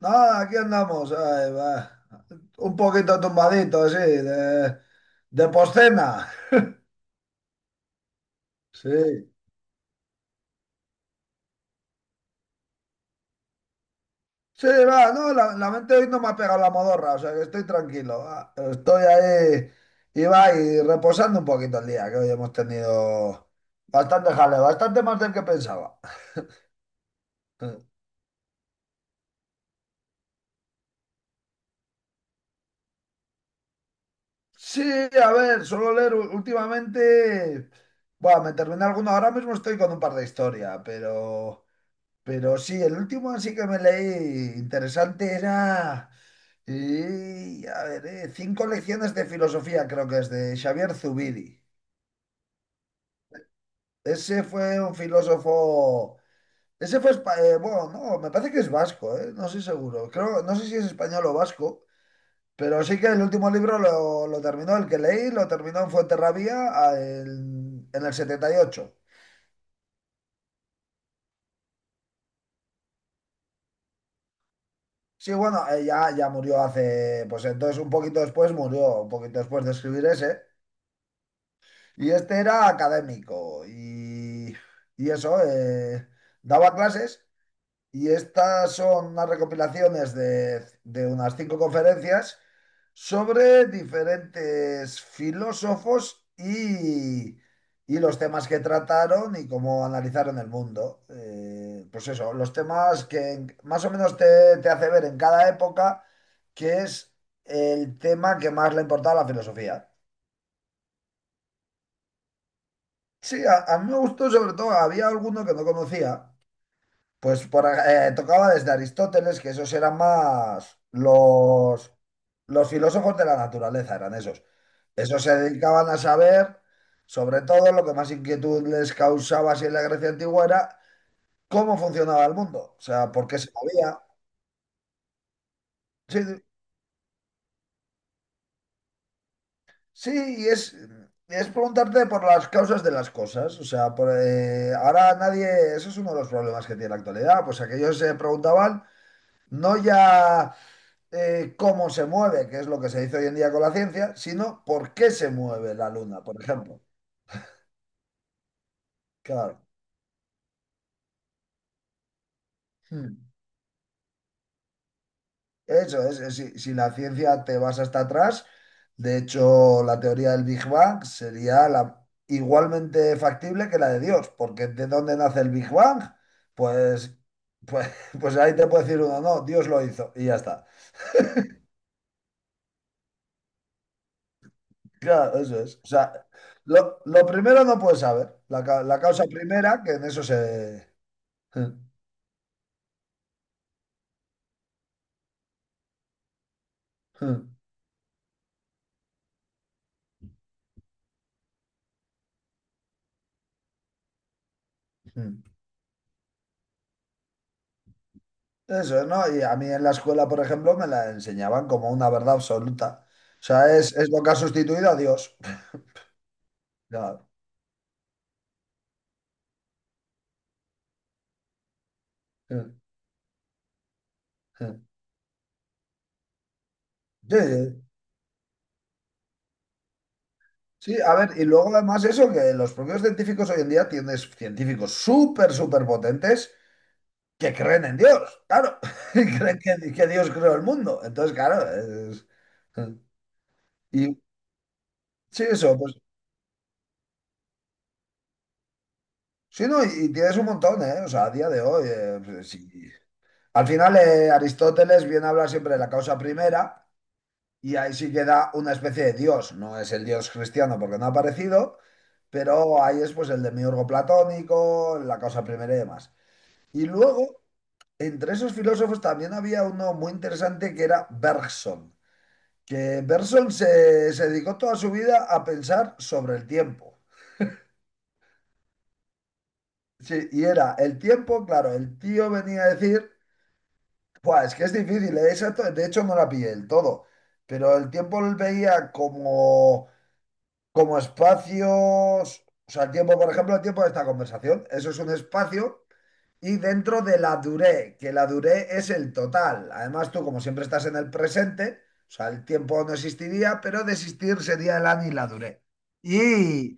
No, aquí andamos, ay, va. Un poquito tumbadito, sí, de postcena. Sí, sí, va, no, la mente hoy no me ha pegado la modorra, o sea que estoy tranquilo, va. Estoy ahí y va, y reposando un poquito el día, que hoy hemos tenido bastante jaleo, bastante más del que pensaba. Sí, a ver, suelo leer últimamente. Bueno, me terminé alguno. Ahora mismo estoy con un par de historias, pero. Pero sí, el último así que me leí interesante era, y, a ver, Cinco lecciones de filosofía, creo que es de Xavier Zubiri. Ese fue un filósofo, ese fue, bueno, no, me parece que es vasco, no estoy seguro. Creo, no sé si es español o vasco, pero sí que el último libro lo terminó, el que leí, lo terminó en Fuenterrabía en el 78. Sí, bueno, ya, ya murió hace, pues entonces un poquito después murió, un poquito después de escribir ese. Y este era académico y eso, daba clases y estas son unas recopilaciones de unas cinco conferencias sobre diferentes filósofos y los temas que trataron y cómo analizaron el mundo. Pues eso, los temas que más o menos te, te hace ver en cada época que es el tema que más le importaba a la filosofía. Sí, a mí me gustó sobre todo, había alguno que no conocía, pues por, tocaba desde Aristóteles, que esos eran más los filósofos de la naturaleza, eran esos. Esos se dedicaban a saber, sobre todo lo que más inquietud les causaba si en la Grecia antigua era cómo funcionaba el mundo, o sea, por qué se movía. Sí, sí, y es preguntarte por las causas de las cosas, o sea, por, ahora nadie, eso es uno de los problemas que tiene la actualidad, pues aquellos se preguntaban. No ya cómo se mueve, que es lo que se dice hoy en día con la ciencia, sino por qué se mueve la luna, por ejemplo. Claro. Hmm. Eso es, si, si la ciencia te vas hasta atrás, de hecho, la teoría del Big Bang sería la, igualmente factible que la de Dios, porque ¿de dónde nace el Big Bang? Pues, pues, pues ahí te puede decir uno, no, Dios lo hizo y ya está. Claro, eso es. O sea, lo primero no puedes saber, la, la causa primera, que en eso se. Eso, ¿no? Y a mí en la escuela, por ejemplo, me la enseñaban como una verdad absoluta. O sea, es lo que ha sustituido a Dios. Claro. Sí, sí. Sí, a ver, y luego además eso, que los propios científicos hoy en día tienes científicos súper, súper potentes que creen en Dios, claro, y creen que Dios creó el mundo. Entonces, claro, es. Y sí, eso, pues sí, no, y tienes un montón, ¿eh? O sea, a día de hoy, sí. Al final, Aristóteles viene a hablar siempre de la causa primera y ahí sí queda una especie de dios. No es el dios cristiano porque no ha aparecido, pero ahí es pues el demiurgo platónico, la causa primera y demás. Y luego, entre esos filósofos también había uno muy interesante que era Bergson, que Bergson se, se dedicó toda su vida a pensar sobre el tiempo. Sí, y era el tiempo, claro, el tío venía a decir. Buah, es que es difícil, ¿eh? Esa de hecho no la pillé del todo, pero el tiempo lo veía como, como espacios, o sea, el tiempo, por ejemplo, el tiempo de esta conversación, eso es un espacio y dentro de la duré, que la duré es el total. Además, tú como siempre estás en el presente, o sea, el tiempo no existiría, pero de existir sería el ani y la duré. Y,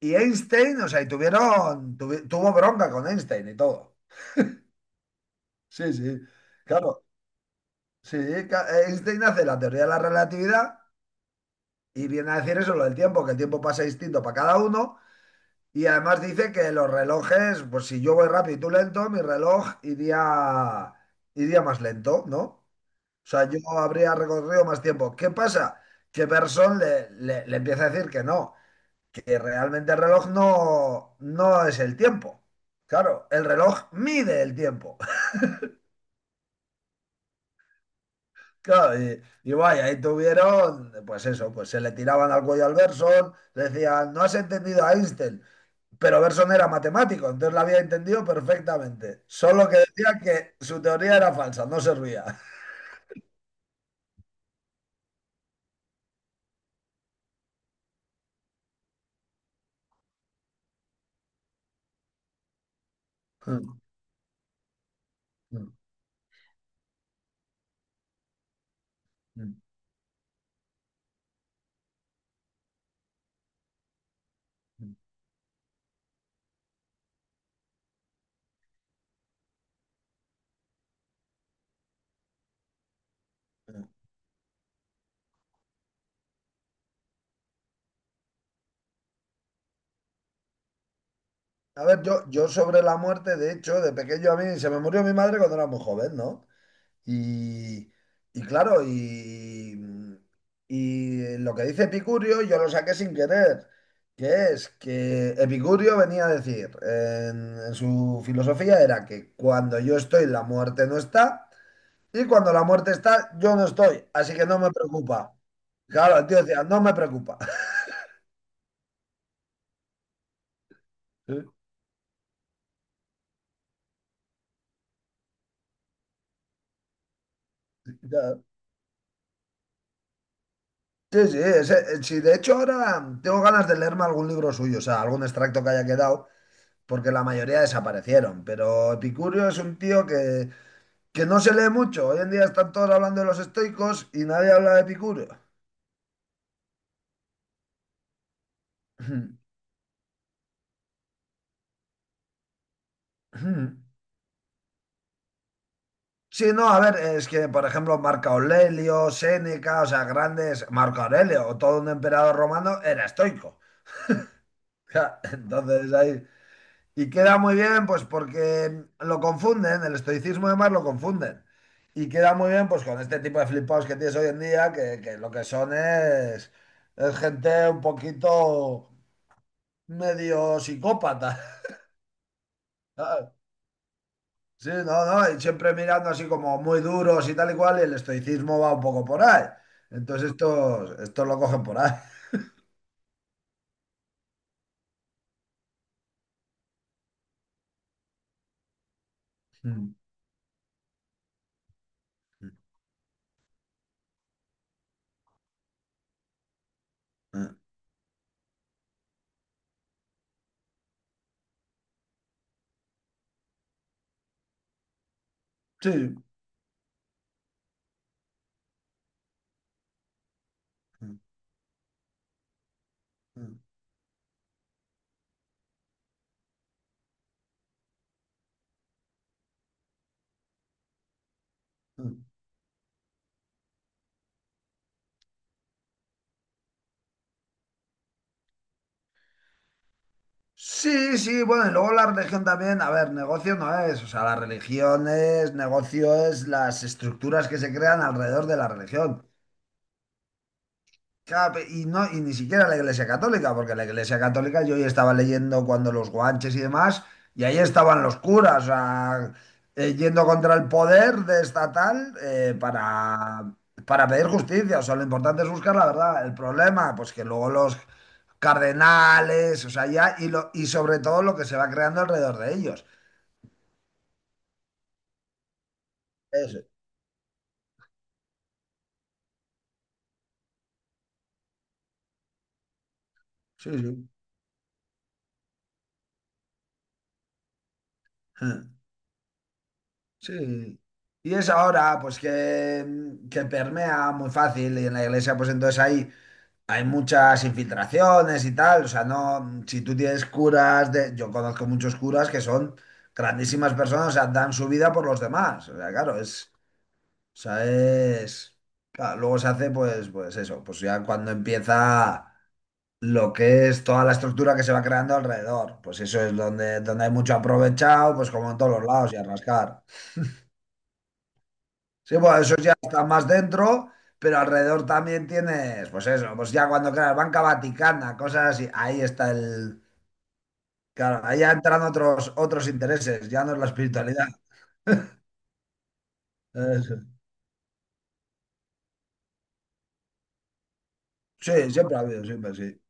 y Einstein, o sea, y tuvieron, tuvo bronca con Einstein y todo. Sí, sí. Claro. Sí, Einstein hace la teoría de la relatividad y viene a decir eso, lo del tiempo, que el tiempo pasa distinto para cada uno. Y además dice que los relojes, pues si yo voy rápido y tú lento, mi reloj iría, iría más lento, ¿no? O sea, yo habría recorrido más tiempo. ¿Qué pasa? Que Bergson le, le empieza a decir que no, que realmente el reloj no, no es el tiempo. Claro, el reloj mide el tiempo. Claro, y vaya, ahí tuvieron, pues eso, pues se le tiraban al cuello al Berson, le decían, no has entendido a Einstein, pero Berson era matemático, entonces la había entendido perfectamente, solo que decía que su teoría era falsa, no servía. A ver, yo sobre la muerte, de hecho, de pequeño a mí, se me murió mi madre cuando era muy joven, ¿no? Y, y claro, y, y lo que dice Epicurio yo lo saqué sin querer, que es que Epicurio venía a decir en su filosofía era que cuando yo estoy la muerte no está y cuando la muerte está yo no estoy, así que no me preocupa. Claro, el tío decía, no me preocupa. Sí. Ya. Sí, sí, sí, de hecho ahora tengo ganas de leerme algún libro suyo, o sea, algún extracto que haya quedado, porque la mayoría desaparecieron. Pero Epicurio es un tío que no se lee mucho. Hoy en día están todos hablando de los estoicos y nadie habla de Epicurio. Sí, no, a ver, es que, por ejemplo, Marco Aurelio, Séneca, o sea, grandes, Marco Aurelio, todo un emperador romano era estoico. Entonces ahí. Y queda muy bien, pues porque lo confunden, el estoicismo de Mar lo confunden. Y queda muy bien, pues con este tipo de flipados que tienes hoy en día, que lo que son es gente un poquito medio psicópata. ¿Sabes? Sí, no, no, y siempre mirando así como muy duros y tal y cual, y el estoicismo va un poco por ahí. Entonces estos, estos lo cogen por ahí. Sí. Mm, mm, mm. Sí, sí, bueno, y luego la religión también, a ver, negocio no es, o sea, la religión es, negocio es las estructuras que se crean alrededor de la religión. Claro, y, no, y ni siquiera la Iglesia Católica, porque la Iglesia Católica yo ya estaba leyendo cuando los guanches y demás, y ahí estaban los curas, o sea, yendo contra el poder de estatal para pedir justicia. O sea, lo importante es buscar la verdad. El problema, pues que luego los cardenales, o sea, ya, y, lo, y sobre todo lo que se va creando alrededor de ellos. Eso. Sí, sí. Ah. Sí. Y es ahora, pues que permea muy fácil y en la iglesia, pues entonces ahí. Hay muchas infiltraciones y tal, o sea, no, si tú tienes curas, de, yo conozco muchos curas que son grandísimas personas, o sea, dan su vida por los demás, o sea, claro, es, o sea, es, claro, luego se hace pues, pues eso, pues ya cuando empieza lo que es toda la estructura que se va creando alrededor, pues eso es donde, donde hay mucho aprovechado, pues como en todos los lados y a rascar. Sí, bueno, eso ya está más dentro, pero alrededor también tienes, pues eso, pues ya cuando creas Banca Vaticana, cosas así, ahí está el, claro, ahí ya entran otros, otros intereses, ya no es la espiritualidad. Eso. Sí, siempre ha habido, siempre, sí.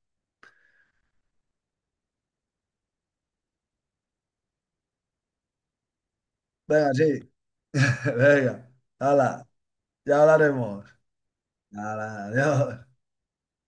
Venga, sí. Venga, hala, ya hablaremos. Hala, adiós.